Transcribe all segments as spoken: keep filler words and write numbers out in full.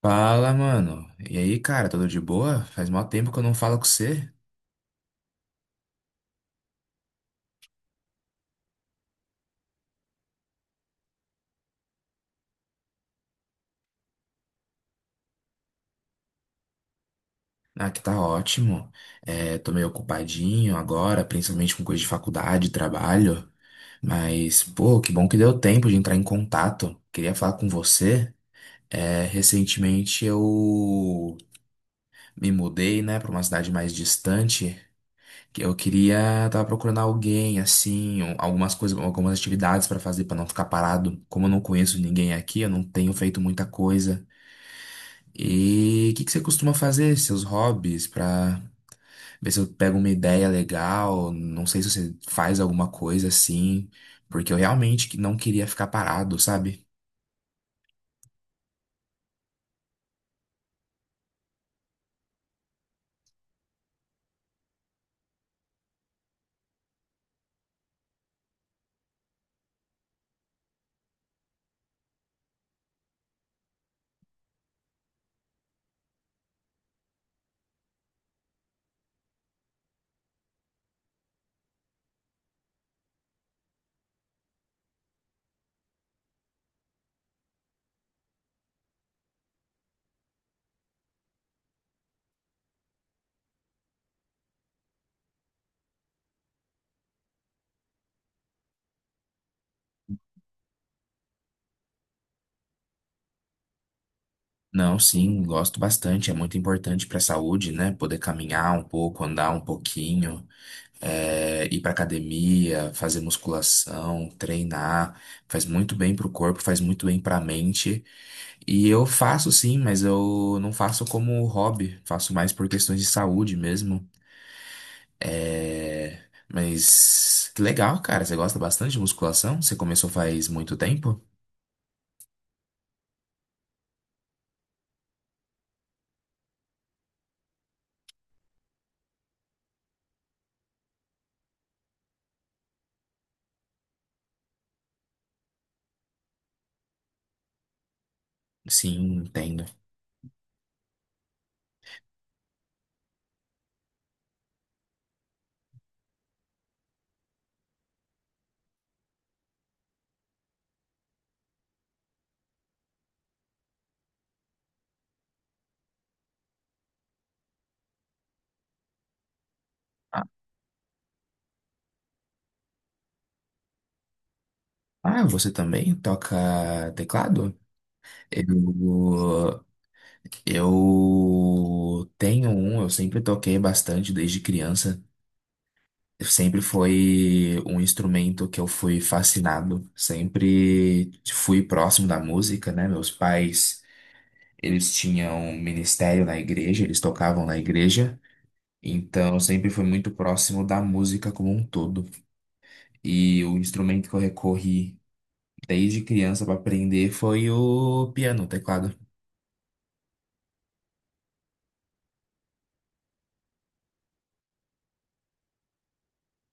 Fala, mano. E aí, cara, tudo de boa? Faz mó tempo que eu não falo com você. Ah, que tá ótimo. É, tô meio ocupadinho agora, principalmente com coisa de faculdade, trabalho. Mas, pô, que bom que deu tempo de entrar em contato. Queria falar com você. É, recentemente eu me mudei, né, pra uma cidade mais distante. Que Eu queria, tava procurando alguém, assim, um- algumas coisas, algumas atividades pra fazer pra não ficar parado. Como eu não conheço ninguém aqui, eu não tenho feito muita coisa. E o que que você costuma fazer, seus hobbies, pra ver se eu pego uma ideia legal? Não sei se você faz alguma coisa assim, porque eu realmente que não queria ficar parado, sabe? Não, sim, gosto bastante, é muito importante pra saúde, né? Poder caminhar um pouco, andar um pouquinho, é, ir pra academia, fazer musculação, treinar, faz muito bem pro corpo, faz muito bem pra mente. E eu faço sim, mas eu não faço como hobby, faço mais por questões de saúde mesmo. É... Mas que legal, cara, você gosta bastante de musculação? Você começou faz muito tempo? Sim, entendo. Ah, ah, você também toca teclado? Eu, eu tenho um, eu sempre toquei bastante desde criança. Sempre foi um instrumento que eu fui fascinado, sempre fui próximo da música, né? Meus pais, eles tinham um ministério na igreja, eles tocavam na igreja, então eu sempre fui muito próximo da música como um todo. E o instrumento que eu recorri desde criança para aprender foi o piano, o teclado.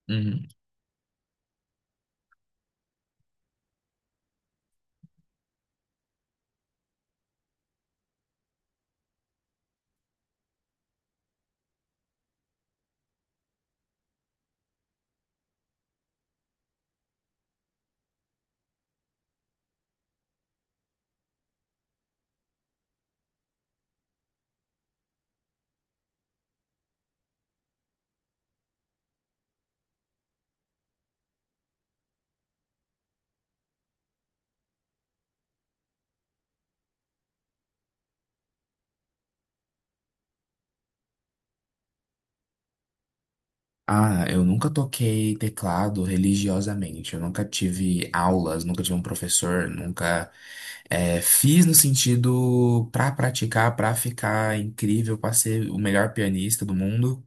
Uhum. Ah, eu nunca toquei teclado religiosamente. Eu nunca tive aulas, nunca tive um professor, nunca eh, fiz no sentido pra praticar, pra ficar incrível, pra ser o melhor pianista do mundo.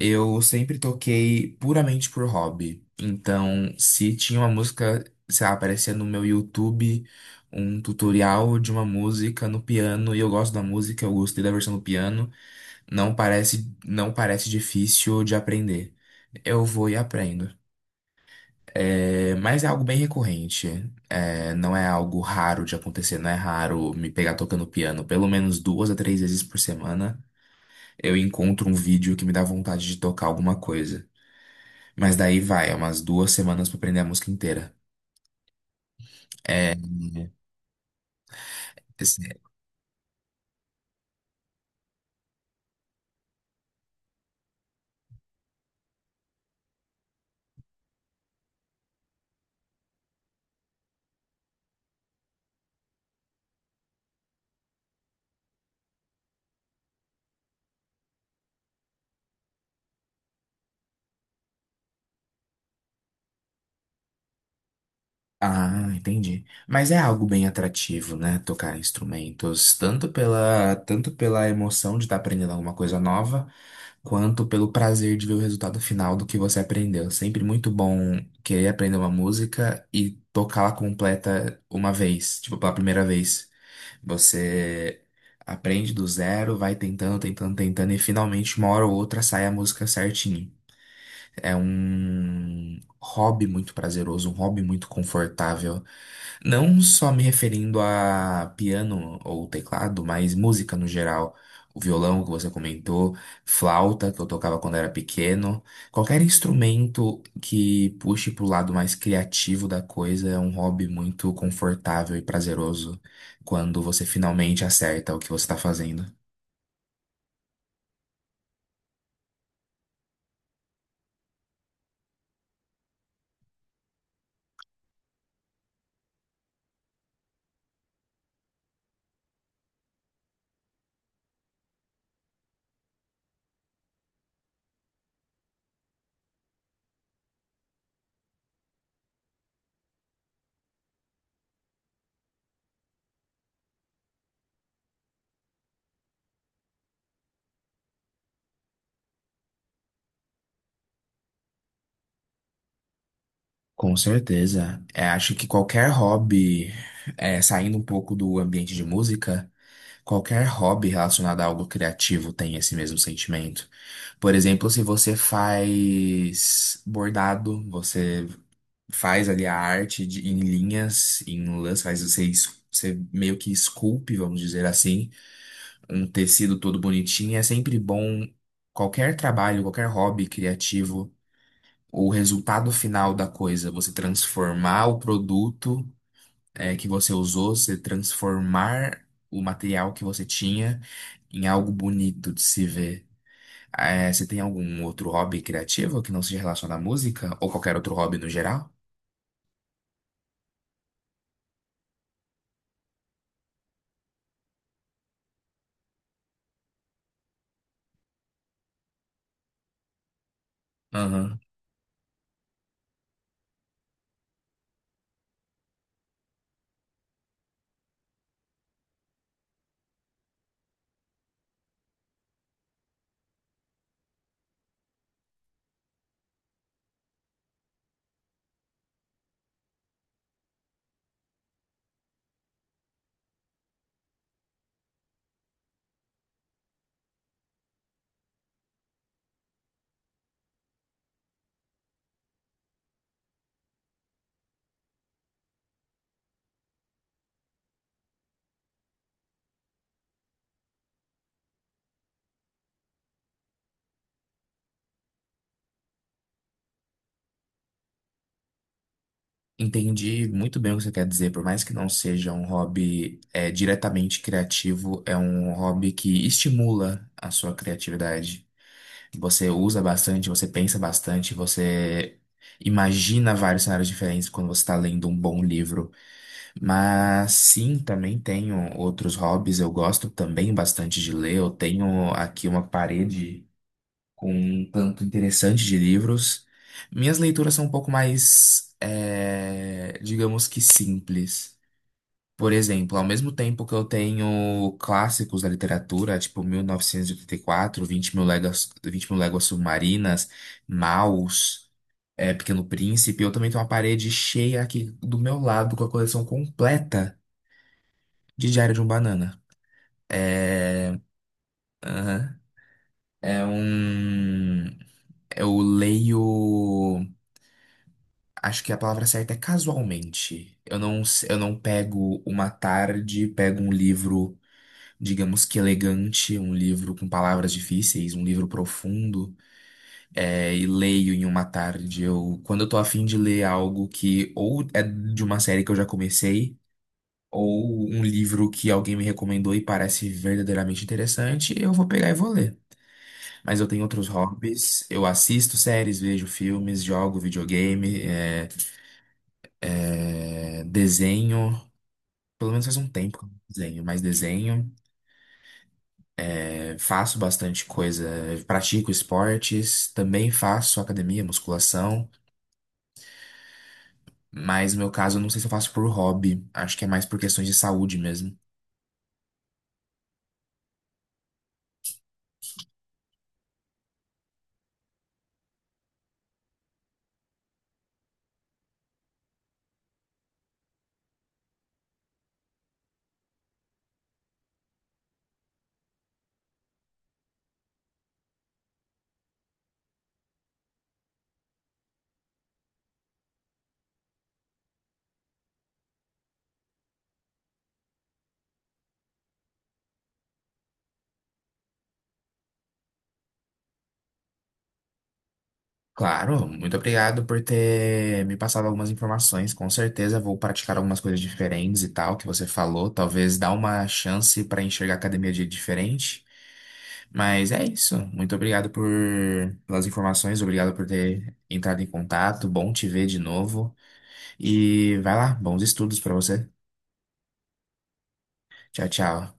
Eu sempre toquei puramente por hobby. Então, se tinha uma música, sei lá, aparecia no meu YouTube um tutorial de uma música no piano e eu gosto da música, eu gostei da versão do piano. Não parece, não parece difícil de aprender. Eu vou e aprendo. É, mas é algo bem recorrente. É, não é algo raro de acontecer, não é raro me pegar tocando piano. Pelo menos duas a três vezes por semana eu encontro um vídeo que me dá vontade de tocar alguma coisa. Mas daí vai, é umas duas semanas pra aprender a música inteira. Ah, entendi. Mas é algo bem atrativo, né? Tocar instrumentos, tanto pela, tanto pela emoção de estar aprendendo alguma coisa nova, quanto pelo prazer de ver o resultado final do que você aprendeu. Sempre muito bom querer aprender uma música e tocá-la completa uma vez, tipo, pela primeira vez. Você aprende do zero, vai tentando, tentando, tentando, e finalmente, uma hora ou outra, sai a música certinho. É um hobby muito prazeroso, um hobby muito confortável. Não só me referindo a piano ou teclado, mas música no geral. O violão que você comentou, flauta que eu tocava quando era pequeno. Qualquer instrumento que puxe pro lado mais criativo da coisa é um hobby muito confortável e prazeroso quando você finalmente acerta o que você está fazendo. Com certeza. É, acho que qualquer hobby, é, saindo um pouco do ambiente de música, qualquer hobby relacionado a algo criativo tem esse mesmo sentimento. Por exemplo, se você faz bordado, você faz ali a arte de- em linhas, em lãs, faz você, es- você meio que esculpe, vamos dizer assim, um tecido todo bonitinho. É sempre bom qualquer trabalho, qualquer hobby criativo, o resultado final da coisa, você transformar o produto eh, que você usou, você transformar o material que você tinha em algo bonito de se ver. É, você tem algum outro hobby criativo que não seja relacionado à música? Ou qualquer outro hobby no geral? Aham. Entendi muito bem o que você quer dizer. Por mais que não seja um hobby é, diretamente criativo, é um hobby que estimula a sua criatividade. Você usa bastante, você pensa bastante, você imagina vários cenários diferentes quando você está lendo um bom livro. Mas sim, também tenho outros hobbies. Eu gosto também bastante de ler. Eu tenho aqui uma parede com um tanto interessante de livros. Minhas leituras são um pouco mais, eh, digamos que simples. Por exemplo, ao mesmo tempo que eu tenho clássicos da literatura, tipo mil novecentos e e oitenta e quatro, Vinte mil léguas, Vinte mil léguas submarinas, Maus, eh, Pequeno Príncipe, eu também tenho uma parede cheia aqui do meu lado com a coleção completa de Diário de um Banana. É. Aham. É um. Eu leio. Acho que a palavra certa é casualmente. Eu não, se- eu não pego uma tarde, pego um livro, digamos que elegante, um livro com palavras difíceis, um livro profundo, é, e leio em uma tarde. Eu, quando eu tô afim de ler algo que ou é de uma série que eu já comecei, ou um livro que alguém me recomendou e parece verdadeiramente interessante, eu vou pegar e vou ler. Mas eu tenho outros hobbies, eu assisto séries, vejo filmes, jogo videogame, é, é, desenho. Pelo menos faz um tempo que eu não desenho, mas desenho, eh, faço bastante coisa, pratico esportes, também faço academia, musculação, mas no meu caso eu não sei se eu faço por hobby, acho que é mais por questões de saúde mesmo. Claro, muito obrigado por ter me passado algumas informações. Com certeza vou praticar algumas coisas diferentes e tal que você falou. Talvez dar uma chance para enxergar a academia de diferente. Mas é isso. Muito obrigado por pelas informações, obrigado por ter entrado em contato. Bom te ver de novo. E vai lá, bons estudos para você. Tchau, tchau.